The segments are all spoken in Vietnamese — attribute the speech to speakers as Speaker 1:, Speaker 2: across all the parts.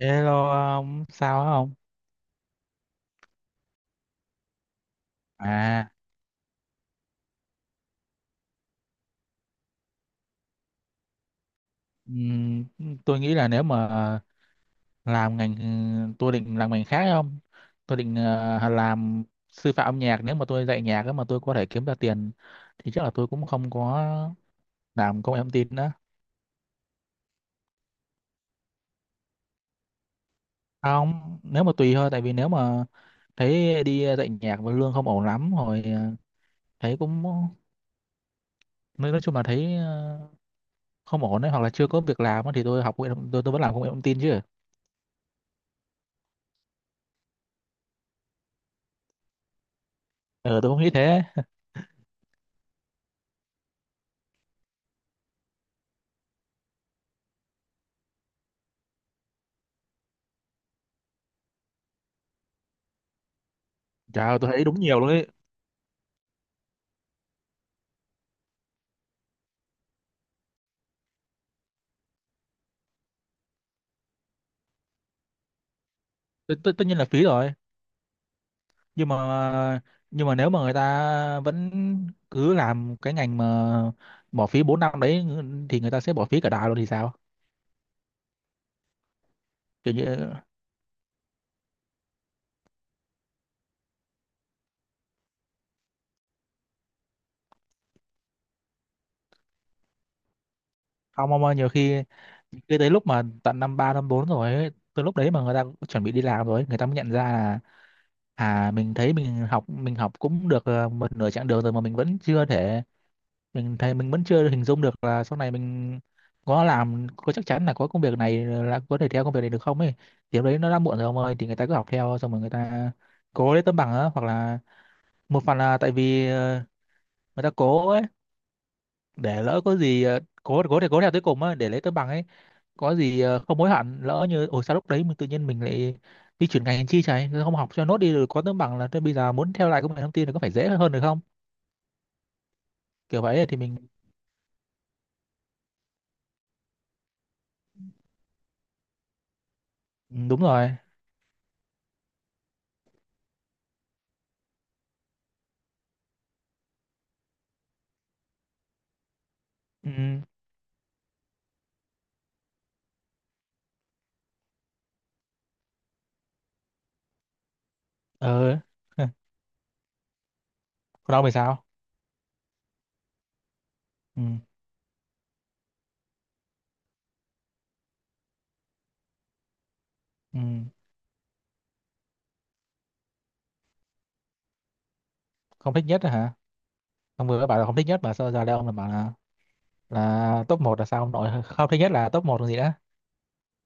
Speaker 1: Hello ông, sao hả ông? À, ừm, tôi nghĩ là nếu mà làm ngành, tôi định làm ngành khác không? Tôi định làm sư phạm âm nhạc. Nếu mà tôi dạy nhạc á mà tôi có thể kiếm ra tiền thì chắc là tôi cũng không có làm công nghệ thông tin nữa. Không, nếu mà tùy thôi, tại vì nếu mà thấy đi dạy nhạc mà lương không ổn lắm rồi thấy cũng nói chung là thấy không ổn đấy, hoặc là chưa có việc làm á thì tôi học công nghệ tôi vẫn làm công nghệ thông tin chứ. Ờ, tôi không nghĩ thế. Trời ơi, tôi thấy đúng nhiều luôn ấy. Tất tất- tất nhiên là phí rồi, nhưng mà nhưng mà nếu mà người ta vẫn cứ làm cái ngành mà bỏ phí 4 năm đấy thì người ta sẽ bỏ phí cả đời luôn thì sao. Kiểu như không ông ơi, nhiều khi cái tới lúc mà tận năm ba năm bốn rồi ấy, tới lúc đấy mà người ta chuẩn bị đi làm rồi ấy, người ta mới nhận ra là à mình thấy mình học cũng được một nửa chặng đường rồi mà mình vẫn chưa thể, mình thấy mình vẫn chưa hình dung được là sau này mình có làm, có chắc chắn là có công việc này, là có thể theo công việc này được không ấy. Thì lúc đấy nó đã muộn rồi ông ơi, thì người ta cứ học theo xong rồi người ta cố lấy tấm bằng á, hoặc là một phần là tại vì người ta cố ấy, để lỡ có gì cố cố để cố theo tới cùng á để lấy tấm bằng ấy, có gì không hối hận lỡ như ồ sao lúc đấy mình tự nhiên mình lại đi chuyển ngành chi, chảy không học cho nốt đi rồi có tấm bằng, là thế bây giờ muốn theo lại công nghệ thông tin thì có phải dễ hơn được không. Kiểu vậy ấy, thì mình. Ừ, đúng rồi. Ừ. Ờ. Còn ông thì sao? Ừ. Ừ. Không thích nhất hả? Ông vừa mới bảo là không thích nhất mà sao giờ đây ông lại bảo là top 1 là sao ông nội, không thích nhất là top một còn gì nữa.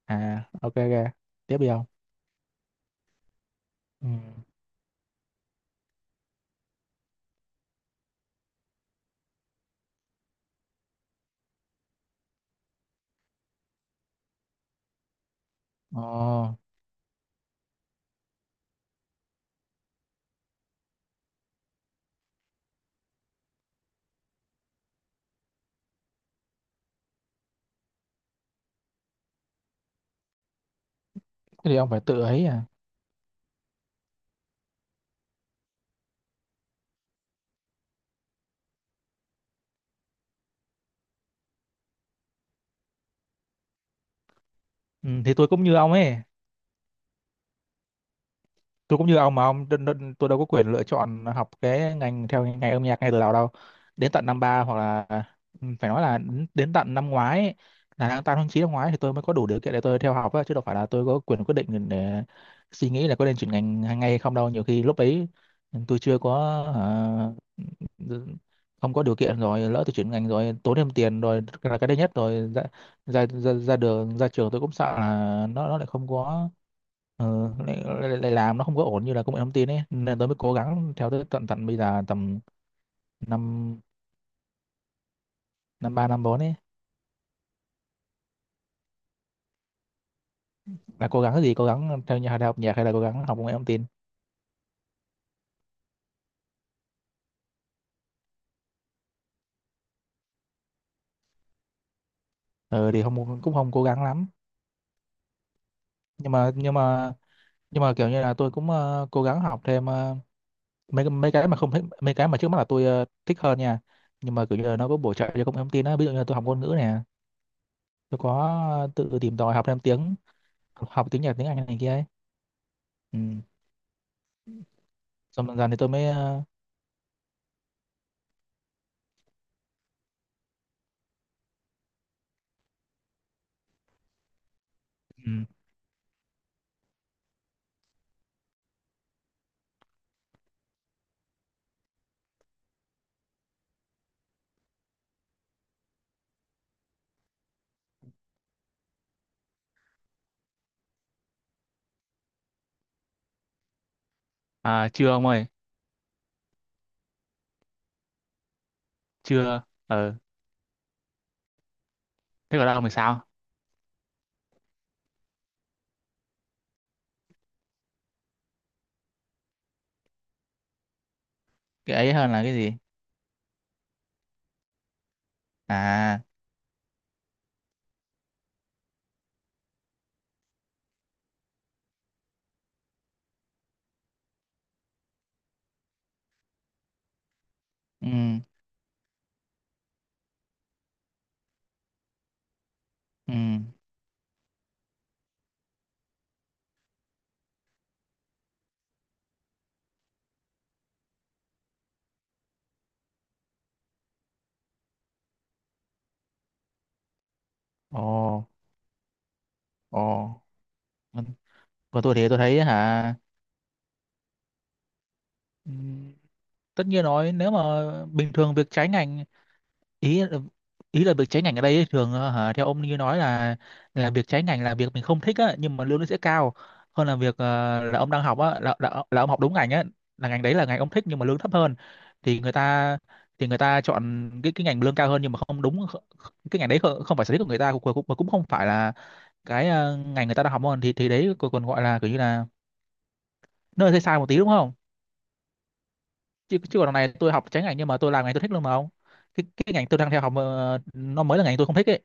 Speaker 1: À, ok ok. Tiếp đi ông. Ừ. Ồ, thế thì ông phải tự ấy à. Ừ, thì tôi cũng như ông ấy. Tôi cũng như ông mà ông tôi đâu có quyền lựa chọn học cái ngành theo ngành âm nhạc ngay từ đầu đâu, đến tận năm ba hoặc là phải nói là đến tận năm ngoái ấy, là tháng 8 tháng chín năm ngoái thì tôi mới có đủ điều kiện để tôi theo học á, chứ đâu phải là tôi có quyền quyết định để suy nghĩ là có nên chuyển ngành ngay hay không đâu. Nhiều khi lúc ấy tôi chưa có, hả, không có điều kiện, rồi lỡ tôi chuyển ngành rồi tốn thêm tiền rồi là cái đấy nhất, rồi ra ra, đường ra trường tôi cũng sợ là nó lại không có. Lại, lại, lại làm nó không có ổn như là công nghệ thông tin ấy, nên tôi mới cố gắng theo tới tận tận bây giờ tầm năm năm ba năm bốn ấy. Là cố gắng cái gì, cố gắng theo nhà đại học nhạc hay là cố gắng học công nghệ thông tin? Ờ, thì không cũng không cố gắng lắm. Nhưng mà nhưng mà kiểu như là tôi cũng cố gắng học thêm mấy mấy cái mà không thích, mấy cái mà trước mắt là tôi thích hơn nha. Nhưng mà kiểu như là nó có bổ trợ cho công nghệ thông tin á, ví dụ như là tôi học ngôn ngữ nè, tôi có tự tìm tòi học thêm tiếng, học tiếng Nhật tiếng Anh này kia ấy. Ừ. Xong dần dần thì tôi mới ừ. À chưa ông ơi. Chưa. Ờ. Thế còn đâu mình sao. Cái ấy hơn là cái gì. À. Ừ. Ừ. Ồ. Ồ. còn còn tôi thì tôi thấy hả, ừ, tất nhiên nói nếu mà bình thường việc trái ngành, ý ý là việc trái ngành ở đây ấy, thường hả, theo ông như nói là việc trái ngành là việc mình không thích á nhưng mà lương nó sẽ cao hơn là việc là ông đang học á, là ông học đúng ngành á, là ngành đấy là ngành ông thích nhưng mà lương thấp hơn, thì người ta, thì người ta chọn cái ngành lương cao hơn nhưng mà không đúng cái ngành đấy không phải sở thích của người ta, cũng cũng, cũng không phải là cái ngành người ta đang học hơn, thì đấy còn còn gọi là kiểu như là nơi sai sai một tí đúng không. Chứ chứ còn đằng này tôi học trái ngành nhưng mà tôi làm ngành tôi thích luôn mà ông. Cái ngành tôi đang theo học nó mới là ngành tôi không thích ấy.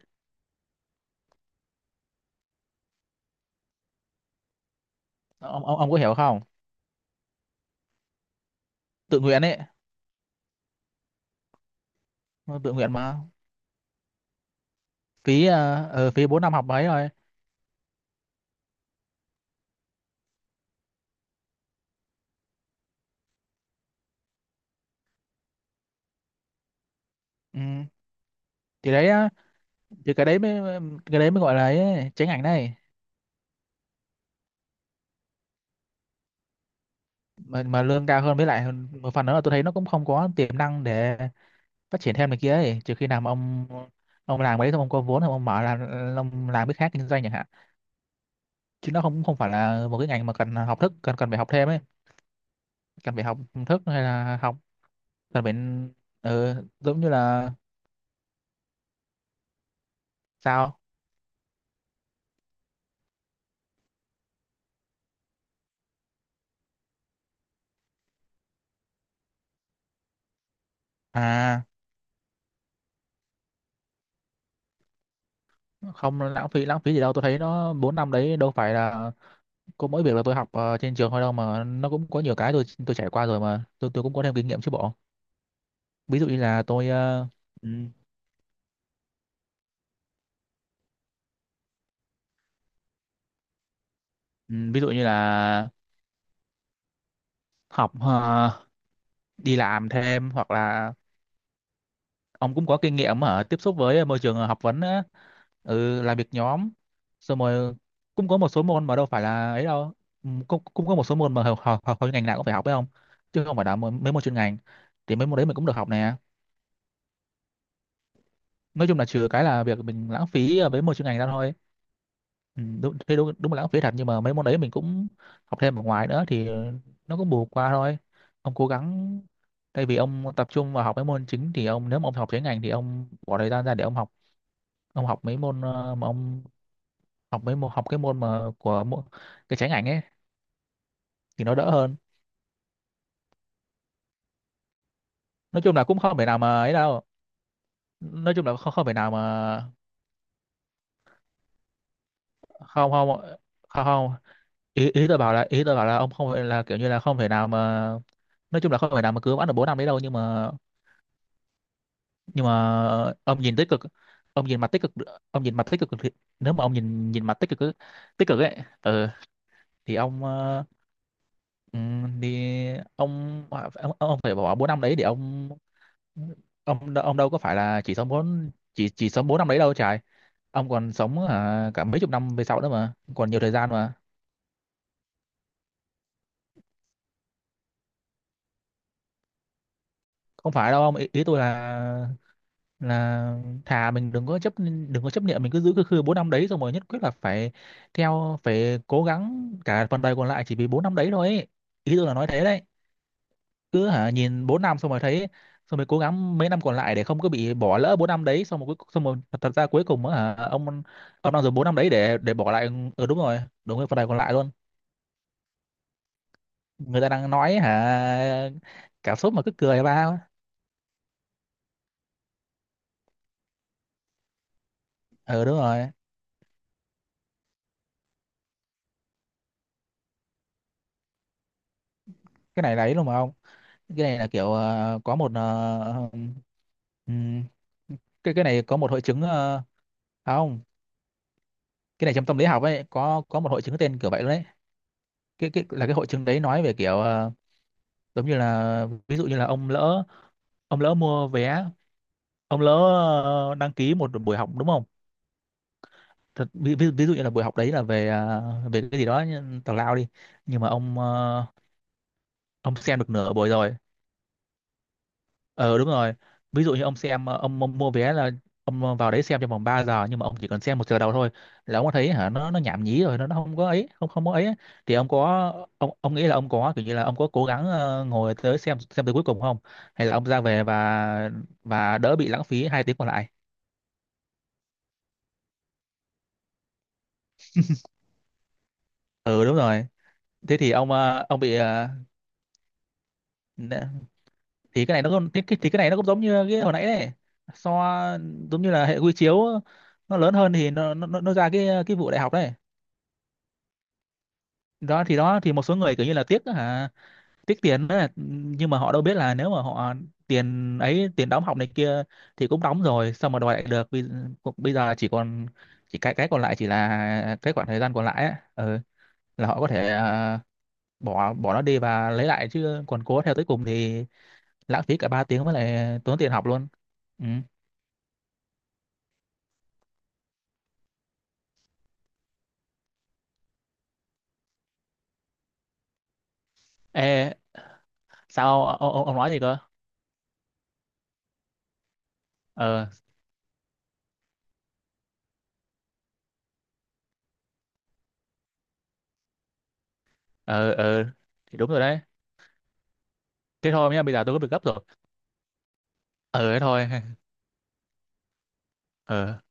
Speaker 1: Ông có hiểu không. Tự nguyện ấy. Nó tự nguyện mà. Phí bốn năm học mấy rồi. Ừ. Thì đấy á, thì cái đấy mới gọi là ấy, tránh ảnh này. Mà lương cao hơn, với lại một phần nữa là tôi thấy nó cũng không có tiềm năng để phát triển thêm này kia ấy, trừ khi nào mà ông làm đấy xong ông có vốn xong ông mở là ông làm cái khác kinh doanh chẳng hạn. Chứ nó không không phải là một cái ngành mà cần học thức, cần cần phải học thêm ấy, cần phải học thức hay là học, cần phải giống như là. Sao. À, không lãng phí lãng phí gì đâu, tôi thấy nó 4 năm đấy đâu phải là có mỗi việc là tôi học trên trường thôi đâu, mà nó cũng có nhiều cái tôi trải qua rồi, mà tôi cũng có thêm kinh nghiệm chứ bộ. Ví dụ như là tôi ừ, ừ, ví dụ như là học đi làm thêm hoặc là ông cũng có kinh nghiệm ở tiếp xúc với môi trường học vấn á, ừ, làm việc nhóm, xong rồi cũng có một số môn mà đâu phải là ấy đâu. Ừ, cũng cũng có một số môn mà học ngành nào cũng phải học phải không, chứ không phải là mấy mấy môn chuyên ngành. Thì mấy môn đấy mình cũng được học nè. Nói chung là trừ cái là việc mình lãng phí với một chuyên ngành ra thôi. Ừ, đúng, thế đúng, đúng là lãng phí thật, nhưng mà mấy môn đấy mình cũng học thêm ở ngoài nữa thì nó cũng bù qua thôi. Ông cố gắng thay vì ông tập trung vào học mấy môn chính, thì ông, nếu mà ông học chuyên ngành thì ông bỏ thời gian ra để ông học mấy môn mà ông học mấy môn, học cái môn mà của môn, cái trái ngành ấy, thì nó đỡ hơn. Nói chung là cũng không phải nào mà ấy đâu, nói chung là không không phải nào mà. Không, không, không, không, ý, ý tôi bảo là ông không phải là kiểu như là không thể nào mà, nói chung là không thể nào mà cứ bán được bốn năm đấy đâu, nhưng mà, nhưng mà ông nhìn tích cực, ông nhìn mặt tích cực, ông nhìn mặt tích cực thì, nếu mà ông nhìn nhìn mặt tích cực ấy, tích cực ấy ừ, thì ông thì ông phải bỏ bốn năm đấy để ông, ông đâu có phải là chỉ sống bốn năm đấy đâu trời. Ông còn sống hả, cả mấy chục năm về sau nữa mà, còn nhiều thời gian mà. Không phải đâu ông, ý tôi là thà mình đừng có chấp, đừng có chấp niệm mình cứ giữ cái khư bốn năm đấy xong rồi nhất quyết là phải theo, phải cố gắng cả phần đời còn lại chỉ vì bốn năm đấy thôi ấy. Ý tôi là nói thế đấy. Cứ hả nhìn bốn năm xong rồi thấy, xong rồi cố gắng mấy năm còn lại để không có bị bỏ lỡ bốn năm đấy, xong rồi xong rồi thật thật ra cuối cùng á hả ông đang dùng bốn năm đấy để bỏ lại. Ừ đúng rồi. Đúng rồi, phần đời còn lại luôn. Người ta đang nói hả, cảm xúc mà cứ cười ba. Ừ đúng rồi. Cái này đấy luôn mà ông. Cái này là kiểu có một ừm, cái này có một hội chứng à không, cái này trong tâm lý học ấy có một hội chứng tên kiểu vậy luôn đấy. Cái là cái hội chứng đấy nói về kiểu giống như là ví dụ như là ông lỡ mua vé, ông lỡ đăng ký một buổi học đúng không. Thật, ví dụ như là buổi học đấy là về về cái gì đó như tào lao đi, nhưng mà ông xem được nửa buổi rồi. Ờ đúng rồi. Ví dụ như ông xem ông mua vé là ông vào đấy xem trong vòng 3 giờ, nhưng mà ông chỉ cần xem một giờ đầu thôi là ông có thấy hả nó nhảm nhí rồi, nó không có ấy, không không có ấy á. Thì ông có, ông nghĩ là ông có kiểu như là ông có cố gắng ngồi tới xem tới cuối cùng không? Hay là ông ra về và đỡ bị lãng phí hai tiếng còn lại. Ừ đúng rồi. Thế thì ông bị nè, thì cái này nó cũng, thì cái, thì cái này nó cũng giống như cái hồi nãy đấy. So giống như là hệ quy chiếu nó lớn hơn thì nó ra cái vụ đại học đấy. Đó thì một số người kiểu như là tiếc á hả, tiếc tiền đó, nhưng mà họ đâu biết là nếu mà họ tiền ấy, tiền đóng học này kia thì cũng đóng rồi sao mà đòi lại được. Bây giờ chỉ còn, chỉ cái còn lại chỉ là cái khoảng thời gian còn lại á ừ, là họ có thể bỏ bỏ nó đi và lấy lại, chứ còn cố theo tới cùng thì lãng phí cả 3 tiếng với lại tốn tiền học luôn. Ừ. Ê, sao ông, ông nói gì cơ. ờ ờ ờ thì đúng rồi đấy. Thế thôi nhá, bây giờ tôi có việc gấp rồi. Ờ thế thôi. Ờ.